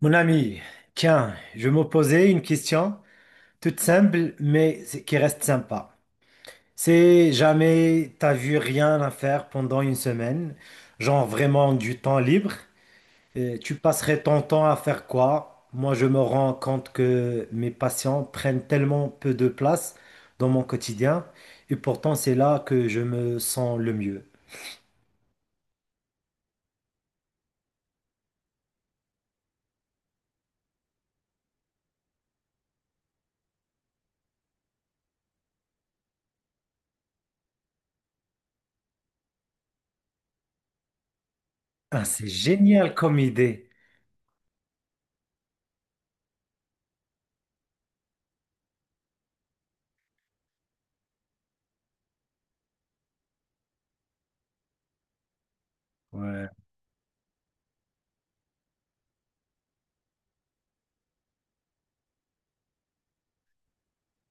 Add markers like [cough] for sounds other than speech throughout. Mon ami, tiens, je me posais une question toute simple, mais qui reste sympa. C'est jamais t'as vu rien à faire pendant une semaine, genre vraiment du temps libre, tu passerais ton temps à faire quoi? Moi, je me rends compte que mes patients prennent tellement peu de place dans mon quotidien, et pourtant c'est là que je me sens le mieux. Ah, c'est génial comme idée. Ouais.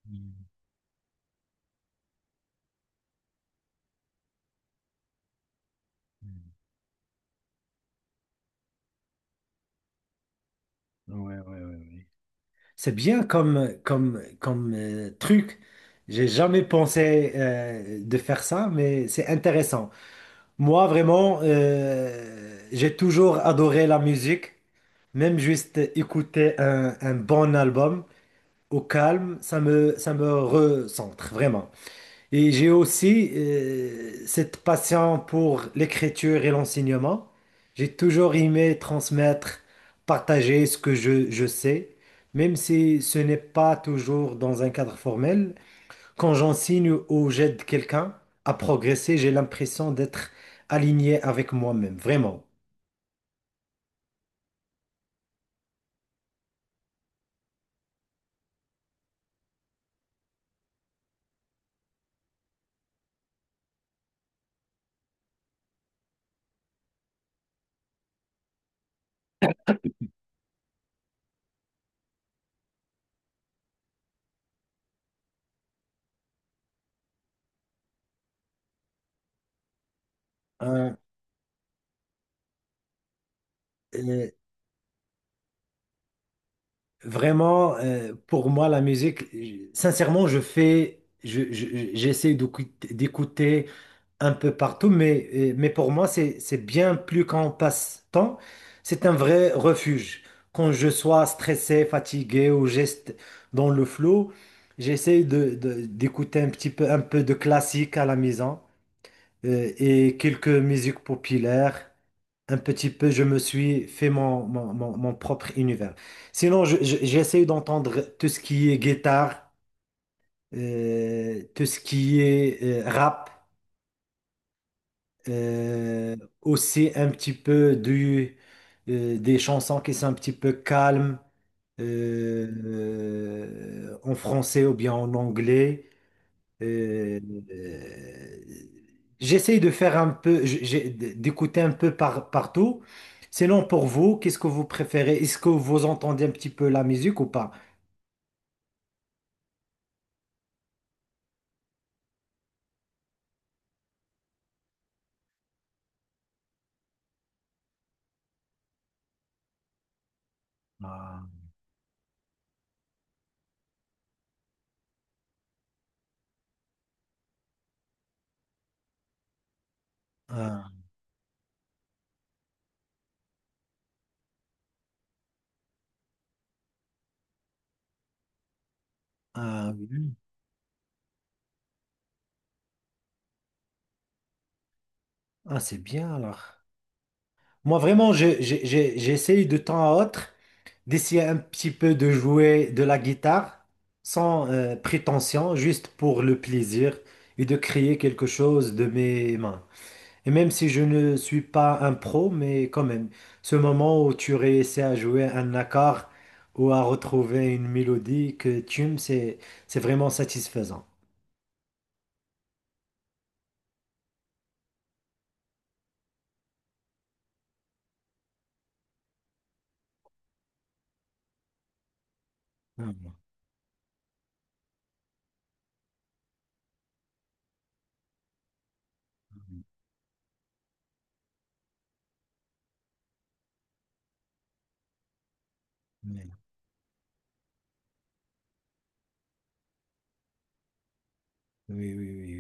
Mm. Mm. Ouais, ouais, ouais, ouais. C'est bien comme truc. J'ai jamais pensé de faire ça, mais c'est intéressant. Moi, vraiment, j'ai toujours adoré la musique. Même juste écouter un bon album au calme, ça me recentre, vraiment. Et j'ai aussi cette passion pour l'écriture et l'enseignement. J'ai toujours aimé transmettre, partager ce que je sais, même si ce n'est pas toujours dans un cadre formel. Quand j'enseigne ou j'aide quelqu'un à progresser, j'ai l'impression d'être aligné avec moi-même, vraiment. Hein, euh, vraiment, pour moi, la musique, sincèrement, je fais, je- j'essaie d'écouter un peu partout, mais pour moi, c'est bien plus qu'un passe-temps, c'est un vrai refuge. Quand je sois stressé, fatigué ou geste dans le flou, d'écouter un petit peu, un peu de classique à la maison et quelques musiques populaires. Un petit peu, je me suis fait mon propre univers. Sinon, j'essaie d'entendre tout ce qui est guitare, tout ce qui est rap. Euh, aussi un petit peu des chansons qui sont un petit peu calmes en français ou bien en anglais. Euh, euh, j'essaye de faire un peu, d'écouter un peu partout. Sinon, pour vous, qu'est-ce que vous préférez? Est-ce que vous entendez un petit peu la musique ou pas? Ah, ah, ah, oui. Ah, c'est bien alors. Moi, vraiment, j'essaye de temps à autre d'essayer un petit peu de jouer de la guitare sans prétention, juste pour le plaisir et de créer quelque chose de mes mains. Et même si je ne suis pas un pro, mais quand même, ce moment où tu réussis à jouer un accord ou à retrouver une mélodie que tu aimes, c'est vraiment satisfaisant. Ah, oui, oui, oui, oui.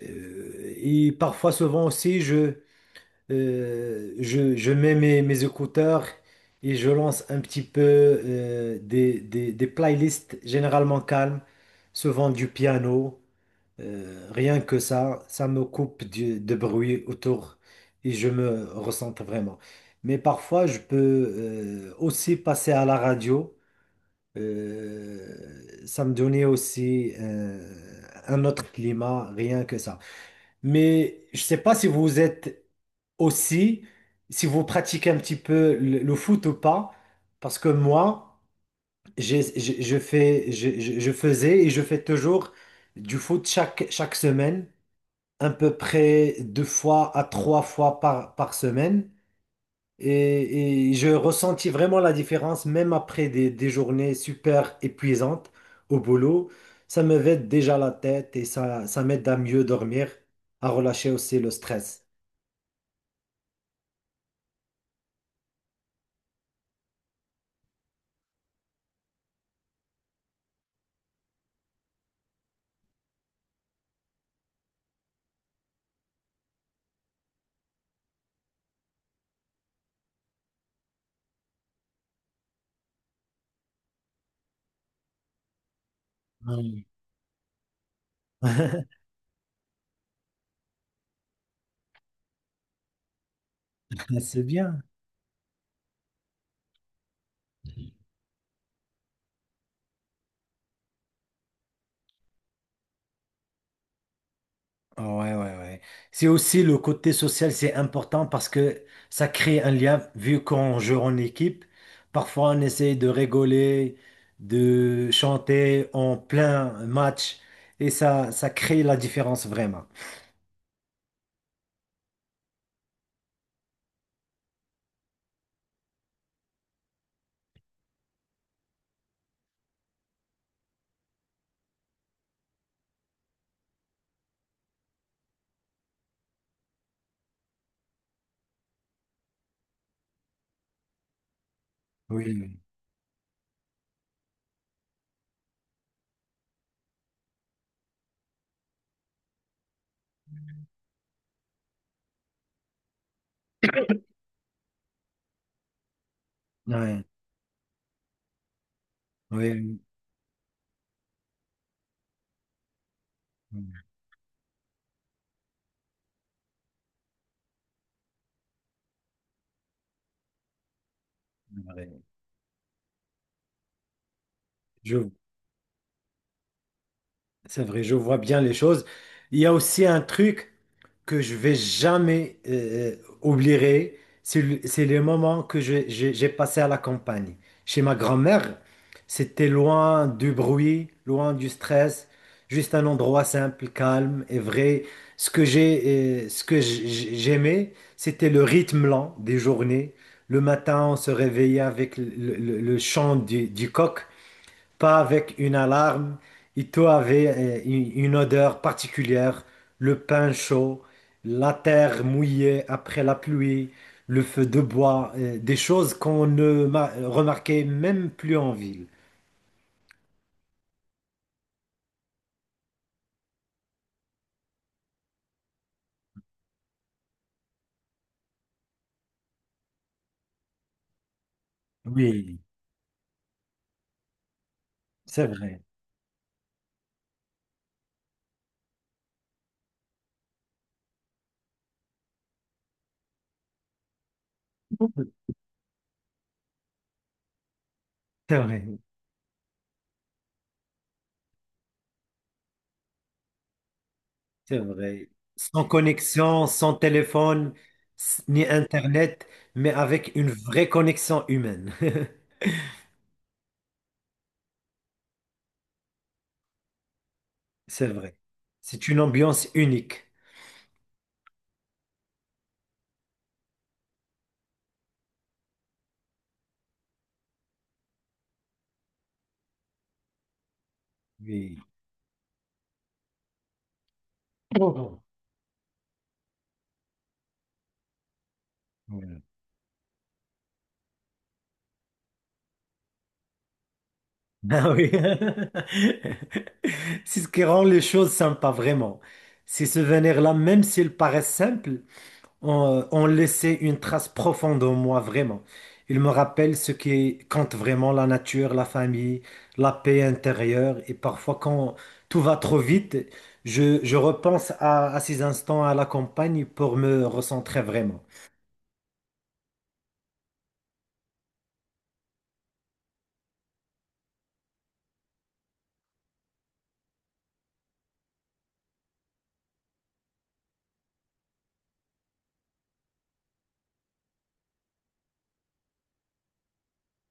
Oui. Et parfois, souvent aussi, je mets mes écouteurs et je lance un petit peu des playlists généralement calmes, souvent du piano. Rien que ça me coupe du, de bruit autour et je me ressens vraiment. Mais parfois, je peux aussi passer à la radio. Ça me donnait aussi un autre climat, rien que ça. Mais je ne sais pas si vous êtes aussi si vous pratiquez un petit peu le foot ou pas, parce que moi, je faisais et je fais toujours du foot chaque semaine, à peu près deux fois à trois fois par semaine. Et je ressentis vraiment la différence, même après des journées super épuisantes au boulot. Ça me vide déjà la tête et ça m'aide à mieux dormir, à relâcher aussi le stress. [laughs] Ouais. [laughs] C'est bien. Ah, ouais, ouais, ouais. C'est aussi le côté social, c'est important parce que ça crée un lien. Vu qu'on joue en équipe, parfois on essaie de rigoler, de chanter en plein match et ça crée la différence vraiment. Oui, oui, oui. Oui, oui, oui. Je vois. C'est vrai, je vois bien les choses. Il y a aussi un truc que je vais jamais oublierai, c'est les moments que j'ai passé à la campagne. Chez ma grand-mère, c'était loin du bruit, loin du stress, juste un endroit simple, calme et vrai. Ce que j'aimais, c'était le rythme lent des journées. Le matin, on se réveillait avec le chant du coq, pas avec une alarme. Et tout avait une odeur particulière, le pain chaud, la terre mouillée après la pluie, le feu de bois, des choses qu'on ne remarquait même plus en ville. Oui, c'est vrai, c'est vrai, c'est vrai. Sans connexion, sans téléphone, ni Internet, mais avec une vraie connexion humaine. [laughs] C'est vrai. C'est une ambiance unique. Oui. Voilà. Ah oui. [laughs] C'est ce qui rend les choses sympas, vraiment. Ces souvenirs-là, même s'ils paraissent simples, ont laissé une trace profonde en moi, vraiment. Ils me rappellent ce qui compte vraiment, la nature, la famille, la paix intérieure. Et parfois, quand tout va trop vite, je repense à ces instants à la campagne pour me recentrer vraiment.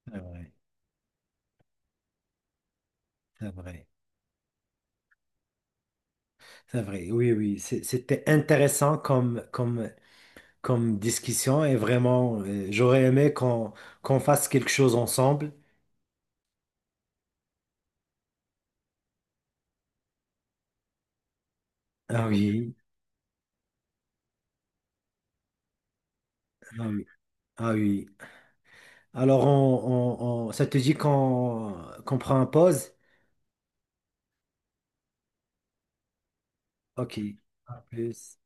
C'est vrai, c'est vrai, c'est vrai. Oui, oui, c'était intéressant comme comme discussion et vraiment, j'aurais aimé qu'on fasse quelque chose ensemble. Ah oui, ah oui, ah oui. Alors, ça te dit qu'on prend une pause? Ok, à plus.